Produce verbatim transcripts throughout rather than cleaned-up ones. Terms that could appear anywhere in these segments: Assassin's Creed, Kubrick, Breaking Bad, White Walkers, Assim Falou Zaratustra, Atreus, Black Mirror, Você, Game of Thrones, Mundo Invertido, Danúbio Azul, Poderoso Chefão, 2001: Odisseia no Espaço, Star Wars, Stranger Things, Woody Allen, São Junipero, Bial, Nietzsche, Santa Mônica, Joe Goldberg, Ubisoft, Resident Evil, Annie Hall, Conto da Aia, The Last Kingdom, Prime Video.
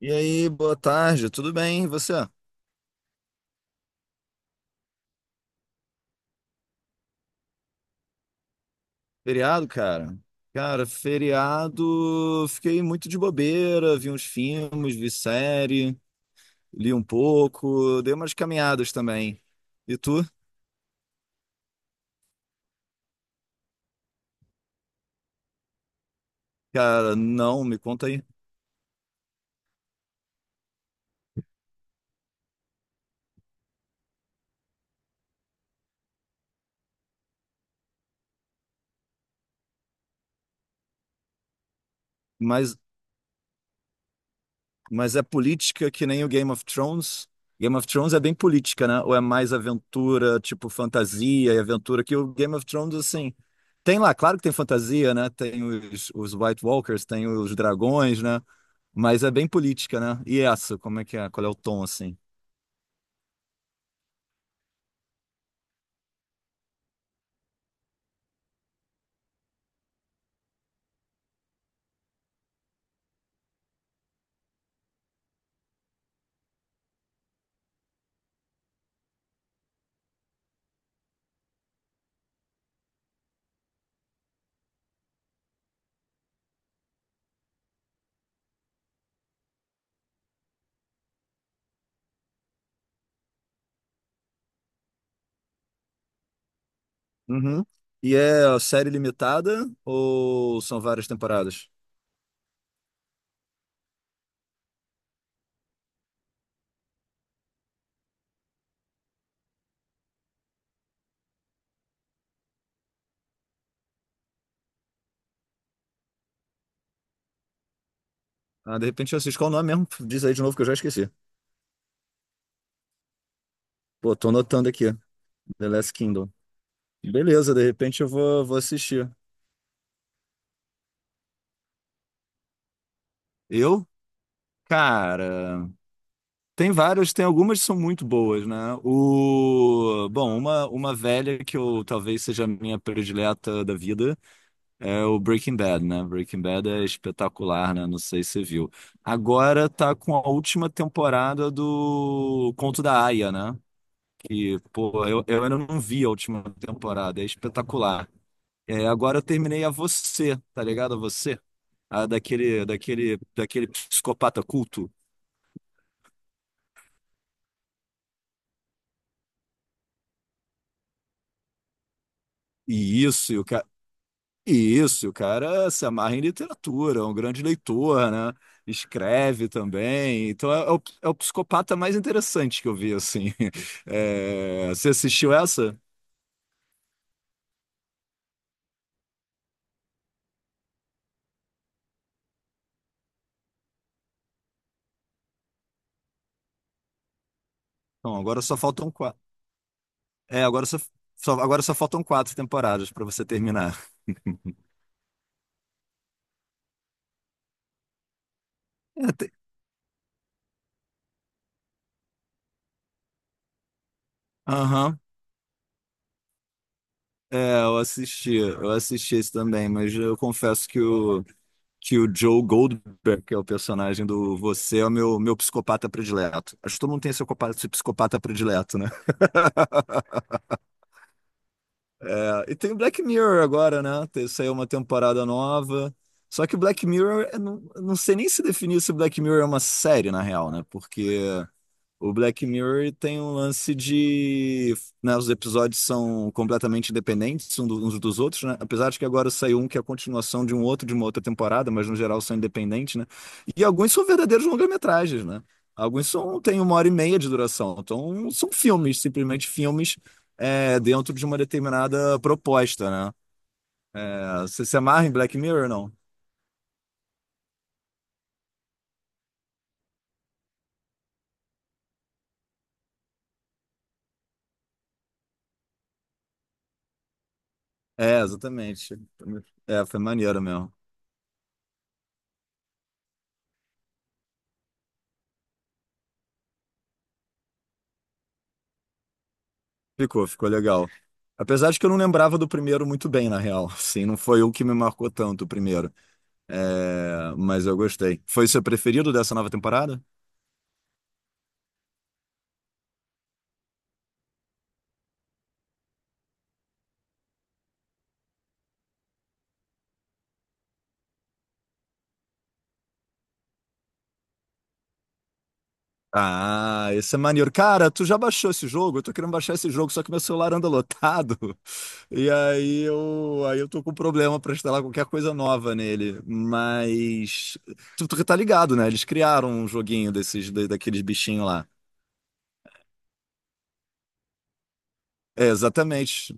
E aí, boa tarde, tudo bem? E você? Feriado, cara? Cara, feriado, fiquei muito de bobeira, vi uns filmes, vi série, li um pouco, dei umas caminhadas também. E tu? Cara, não, me conta aí. Mas, mas é política que nem o Game of Thrones? Game of Thrones é bem política, né? Ou é mais aventura, tipo fantasia e aventura, que o Game of Thrones, assim, tem lá, claro que tem fantasia, né? Tem os, os White Walkers, tem os dragões, né? Mas é bem política, né? E essa, como é que é? Qual é o tom, assim? Uhum. E é série limitada ou são várias temporadas? Ah, de repente eu assisto. Qual o nome mesmo? Diz aí de novo que eu já esqueci. Pô, tô anotando aqui. The Last Kingdom. Beleza, de repente eu vou, vou assistir. Eu? Cara, tem várias, tem algumas que são muito boas, né? O... Bom, uma, uma velha que eu talvez seja a minha predileta da vida. É o Breaking Bad, né? Breaking Bad é espetacular, né? Não sei se você viu. Agora tá com a última temporada do Conto da Aia, né? Que, pô, eu, eu ainda não vi a última temporada, é espetacular. É, agora eu terminei a Você, tá ligado? A Você? A daquele, daquele, daquele psicopata culto. E isso, e o cara. Isso, o cara se amarra em literatura, é um grande leitor, né? Escreve também. Então é, é o, é o psicopata mais interessante que eu vi, assim. É, você assistiu essa? Não, agora só faltam quatro. É, agora só, só- agora só faltam quatro temporadas para você terminar. É, te- Aham. É, eu assisti, eu assisti esse também, mas eu confesso que o, que o Joe Goldberg, que é o personagem do Você, é o meu, meu psicopata predileto. Acho que todo mundo tem seu copa- seu psicopata predileto, né? É, e tem o Black Mirror agora, né? Te- Saiu uma temporada nova. Só que o Black Mirror, eu não, eu não sei nem se definir se o Black Mirror é uma série, na real, né? Porque o Black Mirror tem um lance de, né, os episódios são completamente independentes um do- uns dos outros, né? Apesar de que agora saiu um que é a continuação de um outro de uma outra temporada, mas no geral são independentes, né? E alguns são verdadeiros longa-metragens, né? Alguns são têm uma hora e meia de duração, então são filmes, simplesmente filmes é, dentro de uma determinada proposta, né? É, você se amarra em Black Mirror, não? É, exatamente. É, foi maneiro mesmo. Ficou, ficou legal. Apesar de que eu não lembrava do primeiro muito bem, na real. Assim, não foi o que me marcou tanto o primeiro. É, mas eu gostei. Foi o seu preferido dessa nova temporada? Ah, esse é maneiro. Cara, tu já baixou esse jogo? Eu tô querendo baixar esse jogo, só que meu celular anda lotado. E aí eu, aí eu tô com problema pra instalar qualquer coisa nova nele. Mas tu, tu tá ligado, né? Eles criaram um joguinho desses, da- daqueles bichinhos lá. É, exatamente.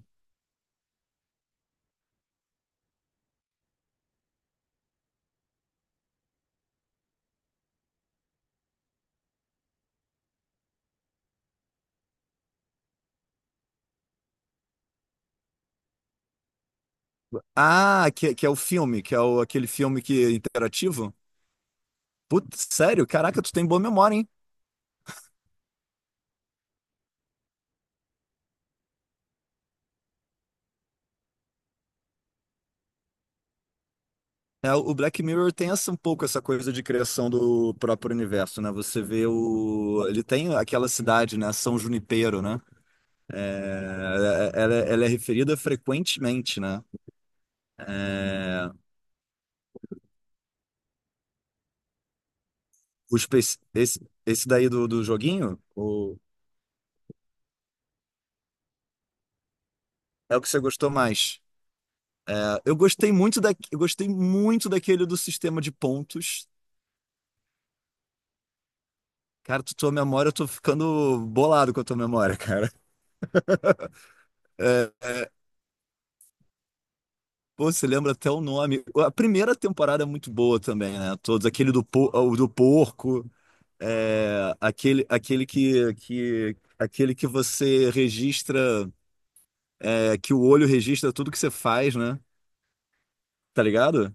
Ah, que, que é o filme, que é o, aquele filme que é interativo? Putz, sério? Caraca, tu tem boa memória, hein? É, o Black Mirror tem essa, um pouco essa coisa de criação do próprio universo, né? Você vê o... Ele tem aquela cidade, né? São Junipero, né? É, é, ela, ela é referida frequentemente, né? É, os, pe- esse, esse daí do, do joguinho, o... É o que você gostou mais. É, eu gostei muito da, eu gostei muito daquele do sistema de pontos. Cara, tu, tua memória, eu tô ficando bolado com a tua memória, cara. É, é, pô, você lembra até o nome. A primeira temporada é muito boa também, né? Todos, aquele do, po- o do porco, é, aquele, aquele que, que, aquele que você registra, é, que o olho registra tudo que você faz, né? Tá ligado?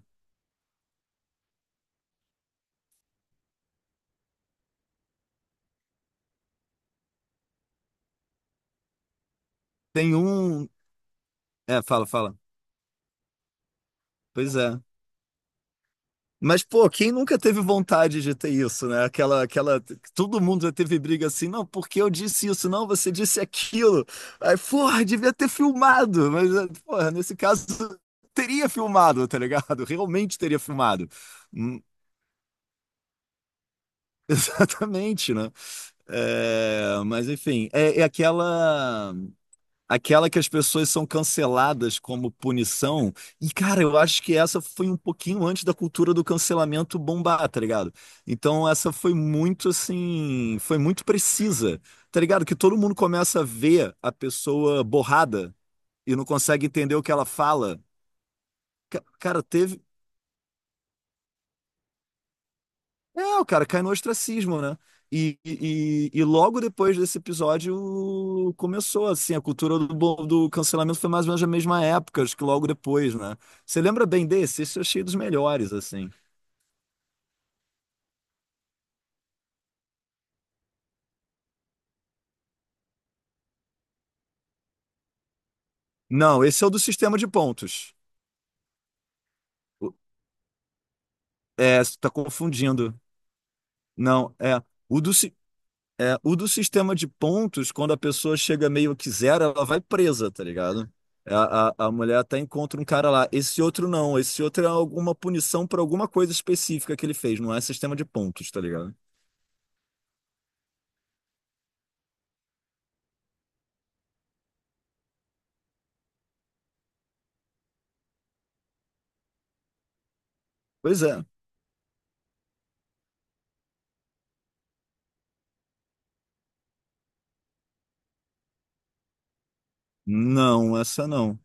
Tem um. É, fala, fala. Pois é. Mas, pô, quem nunca teve vontade de ter isso, né? Aquela, aquela, todo mundo já teve briga assim, não, porque eu disse isso, não, você disse aquilo. Aí, porra, devia ter filmado, mas, eh, porra, nesse caso, teria filmado, tá ligado? Realmente teria filmado. Hum. Exatamente, né? É, mas, enfim, é, é aquela. Aquela que as pessoas são canceladas como punição. E, cara, eu acho que essa foi um pouquinho antes da cultura do cancelamento bombar, tá ligado? Então, essa foi muito, assim, foi muito precisa, tá ligado? Que todo mundo começa a ver a pessoa borrada e não consegue entender o que ela fala. Ca- Cara, teve... É, o cara cai no ostracismo, né? E, e, e logo depois desse episódio começou, assim, a cultura do, bo- do cancelamento foi mais ou menos a mesma época, acho que logo depois, né? Você lembra bem desse? Esse eu achei dos melhores, assim. Não, esse é o do sistema de pontos. O- É, você tá confundindo. Não, é. O do, si- É, o do sistema de pontos, quando a pessoa chega meio que zero, ela vai presa, tá ligado? É, A, a, a mulher até encontra um cara lá. Esse outro não, esse outro é alguma punição por alguma coisa específica que ele fez, não é sistema de pontos, tá ligado? Pois é. Não, essa não.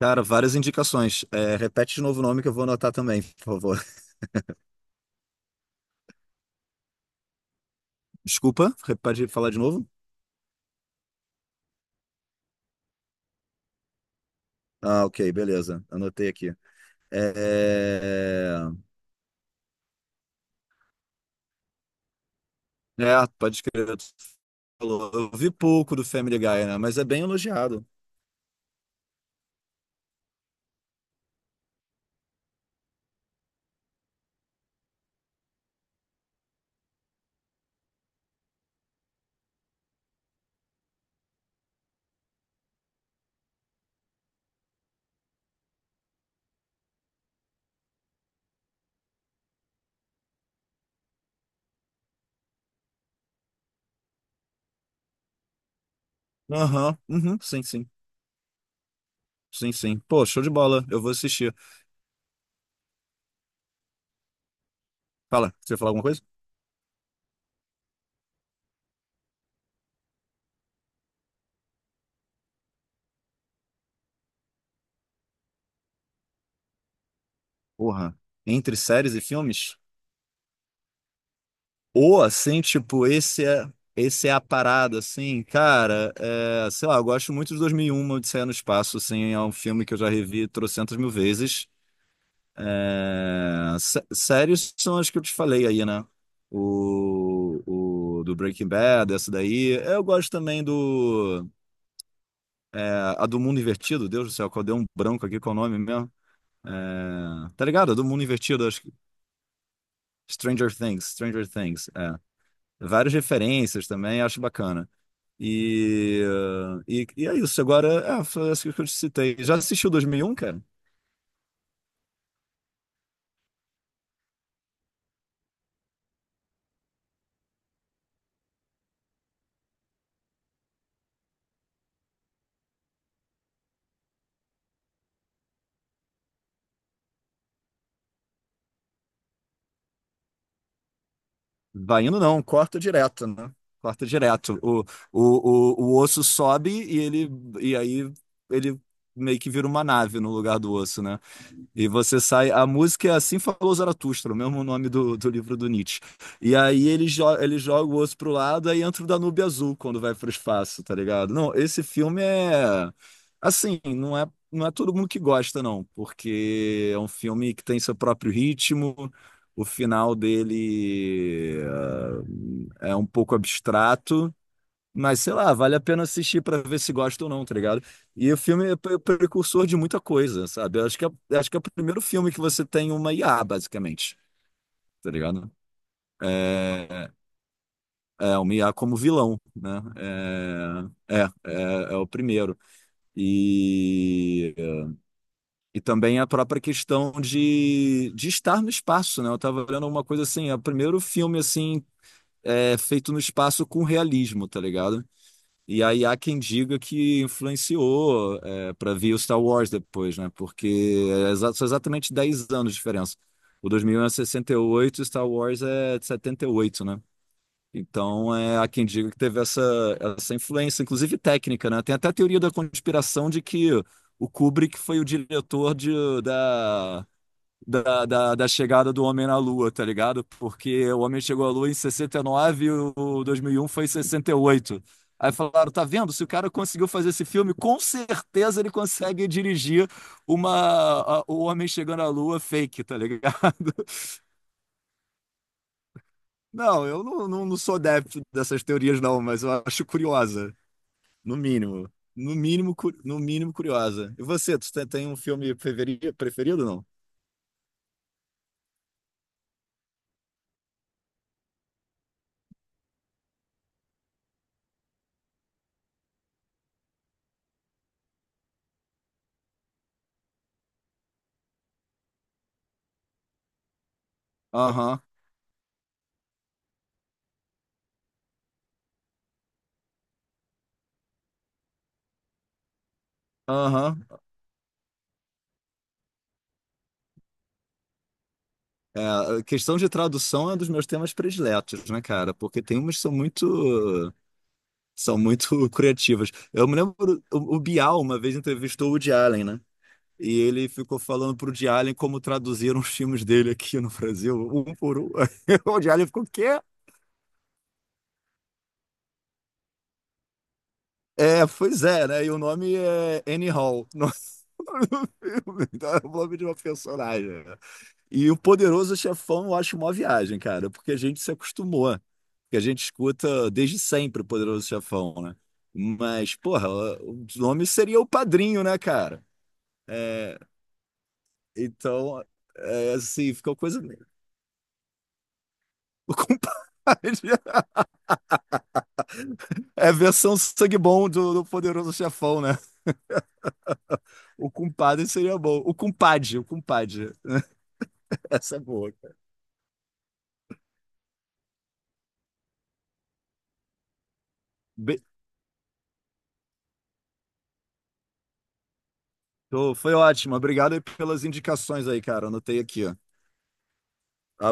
Cara, várias indicações. É, repete de novo o nome que eu vou anotar também, por favor. Desculpa, pode falar de novo? Ah, ok, beleza. Anotei aqui. É, é, pode crer. Tu falou. Eu vi pouco do Family Guy, né? Mas é bem elogiado. Aham, uhum, sim, sim. Sim, sim. Pô, show de bola. Eu vou assistir. Fala, você ia falar alguma coisa? Porra. Entre séries e filmes? Ou assim, tipo, esse é, esse é a parada, assim, cara. É, sei lá, eu gosto muito de dois mil e um, Odisseia no Espaço, assim. É um filme que eu já revi trocentas mil vezes. É, sé- séries são as que eu te falei aí, né? O, o do Breaking Bad, essa daí. Eu gosto também do. É, a do Mundo Invertido, Deus do céu, qual deu um branco aqui com o nome mesmo. É, tá ligado? A do Mundo Invertido, acho que... Stranger Things, Stranger Things. É. Várias referências também, acho bacana. E, e, e é isso, agora é, foi essa que eu te citei. Já assistiu dois mil e um, cara? Vai indo não, corta direto, né? Corta direto. O, o, o, o osso sobe e ele e aí ele meio que vira uma nave no lugar do osso, né? E você sai. A música é Assim Falou Zaratustra, o mesmo nome do, do livro do Nietzsche. E aí ele, jo ele joga o osso pro lado, aí entra o Danúbio Azul quando vai pro espaço, tá ligado? Não, esse filme é... Assim, não é, não é todo mundo que gosta, não, porque é um filme que tem seu próprio ritmo, o final dele eh, é um pouco abstrato. Mas sei lá, vale a pena assistir pra ver se gosta ou não, tá ligado? E o filme é pre- precursor de muita coisa, sabe? Eu acho que é, acho que é o primeiro filme que você tem uma I A, basicamente, tá ligado? É, é uma I A como vilão, né? É, é, é, é o primeiro. E, e também a própria questão de, de estar no espaço, né? Eu tava olhando uma coisa assim, é o primeiro filme assim é, feito no espaço com realismo, tá ligado? E aí há quem diga que influenciou é, para vir o Star Wars depois, né? Porque é exa- são exatamente dez anos de diferença. O dois mil e um é sessenta e oito, o Star Wars é de setenta e oito, né? Então é, há quem diga que teve essa, essa influência, inclusive técnica, né? Tem até a teoria da conspiração de que o Kubrick foi o diretor de, da da, da, da chegada do homem na Lua, tá ligado? Porque o homem chegou à Lua em sessenta e nove e o dois mil e um foi em sessenta e oito. Aí falaram, tá vendo? Se o cara conseguiu fazer esse filme, com certeza ele consegue dirigir uma a- o homem chegando à Lua fake, tá ligado? Não, eu não, não, não sou adepto dessas teorias não, mas eu acho curiosa, no mínimo. No mínimo, cu- no mínimo curiosa. E você, tu tem tem um filme preferi- preferido, não? Aham, aham. É, a questão de tradução é um dos meus temas prediletos, né, cara? Porque tem umas que são muito, são muito criativas. Eu me lembro, o, o Bial uma vez entrevistou o Woody Allen, né? E ele ficou falando pro Woody Allen como traduziram os filmes dele aqui no Brasil, um por um. O Woody Allen ficou, quê? É, pois é, né? E o nome é Annie Hall, o nome do filme, então é o nome de uma personagem. E o Poderoso Chefão eu acho uma viagem, cara, porque a gente se acostumou, porque a gente escuta desde sempre o Poderoso Chefão, né? Mas, porra, o o nome seria o Padrinho, né, cara? É, então, é, assim, ficou coisa. O compadre é a versão sangue bom do, do Poderoso Chefão, né? O compadre seria bom. O compadre, o compadre. Essa é boa, cara. Be- Tô- Foi ótimo. Obrigado aí pelas indicações aí, cara. Anotei aqui, ó. Abra-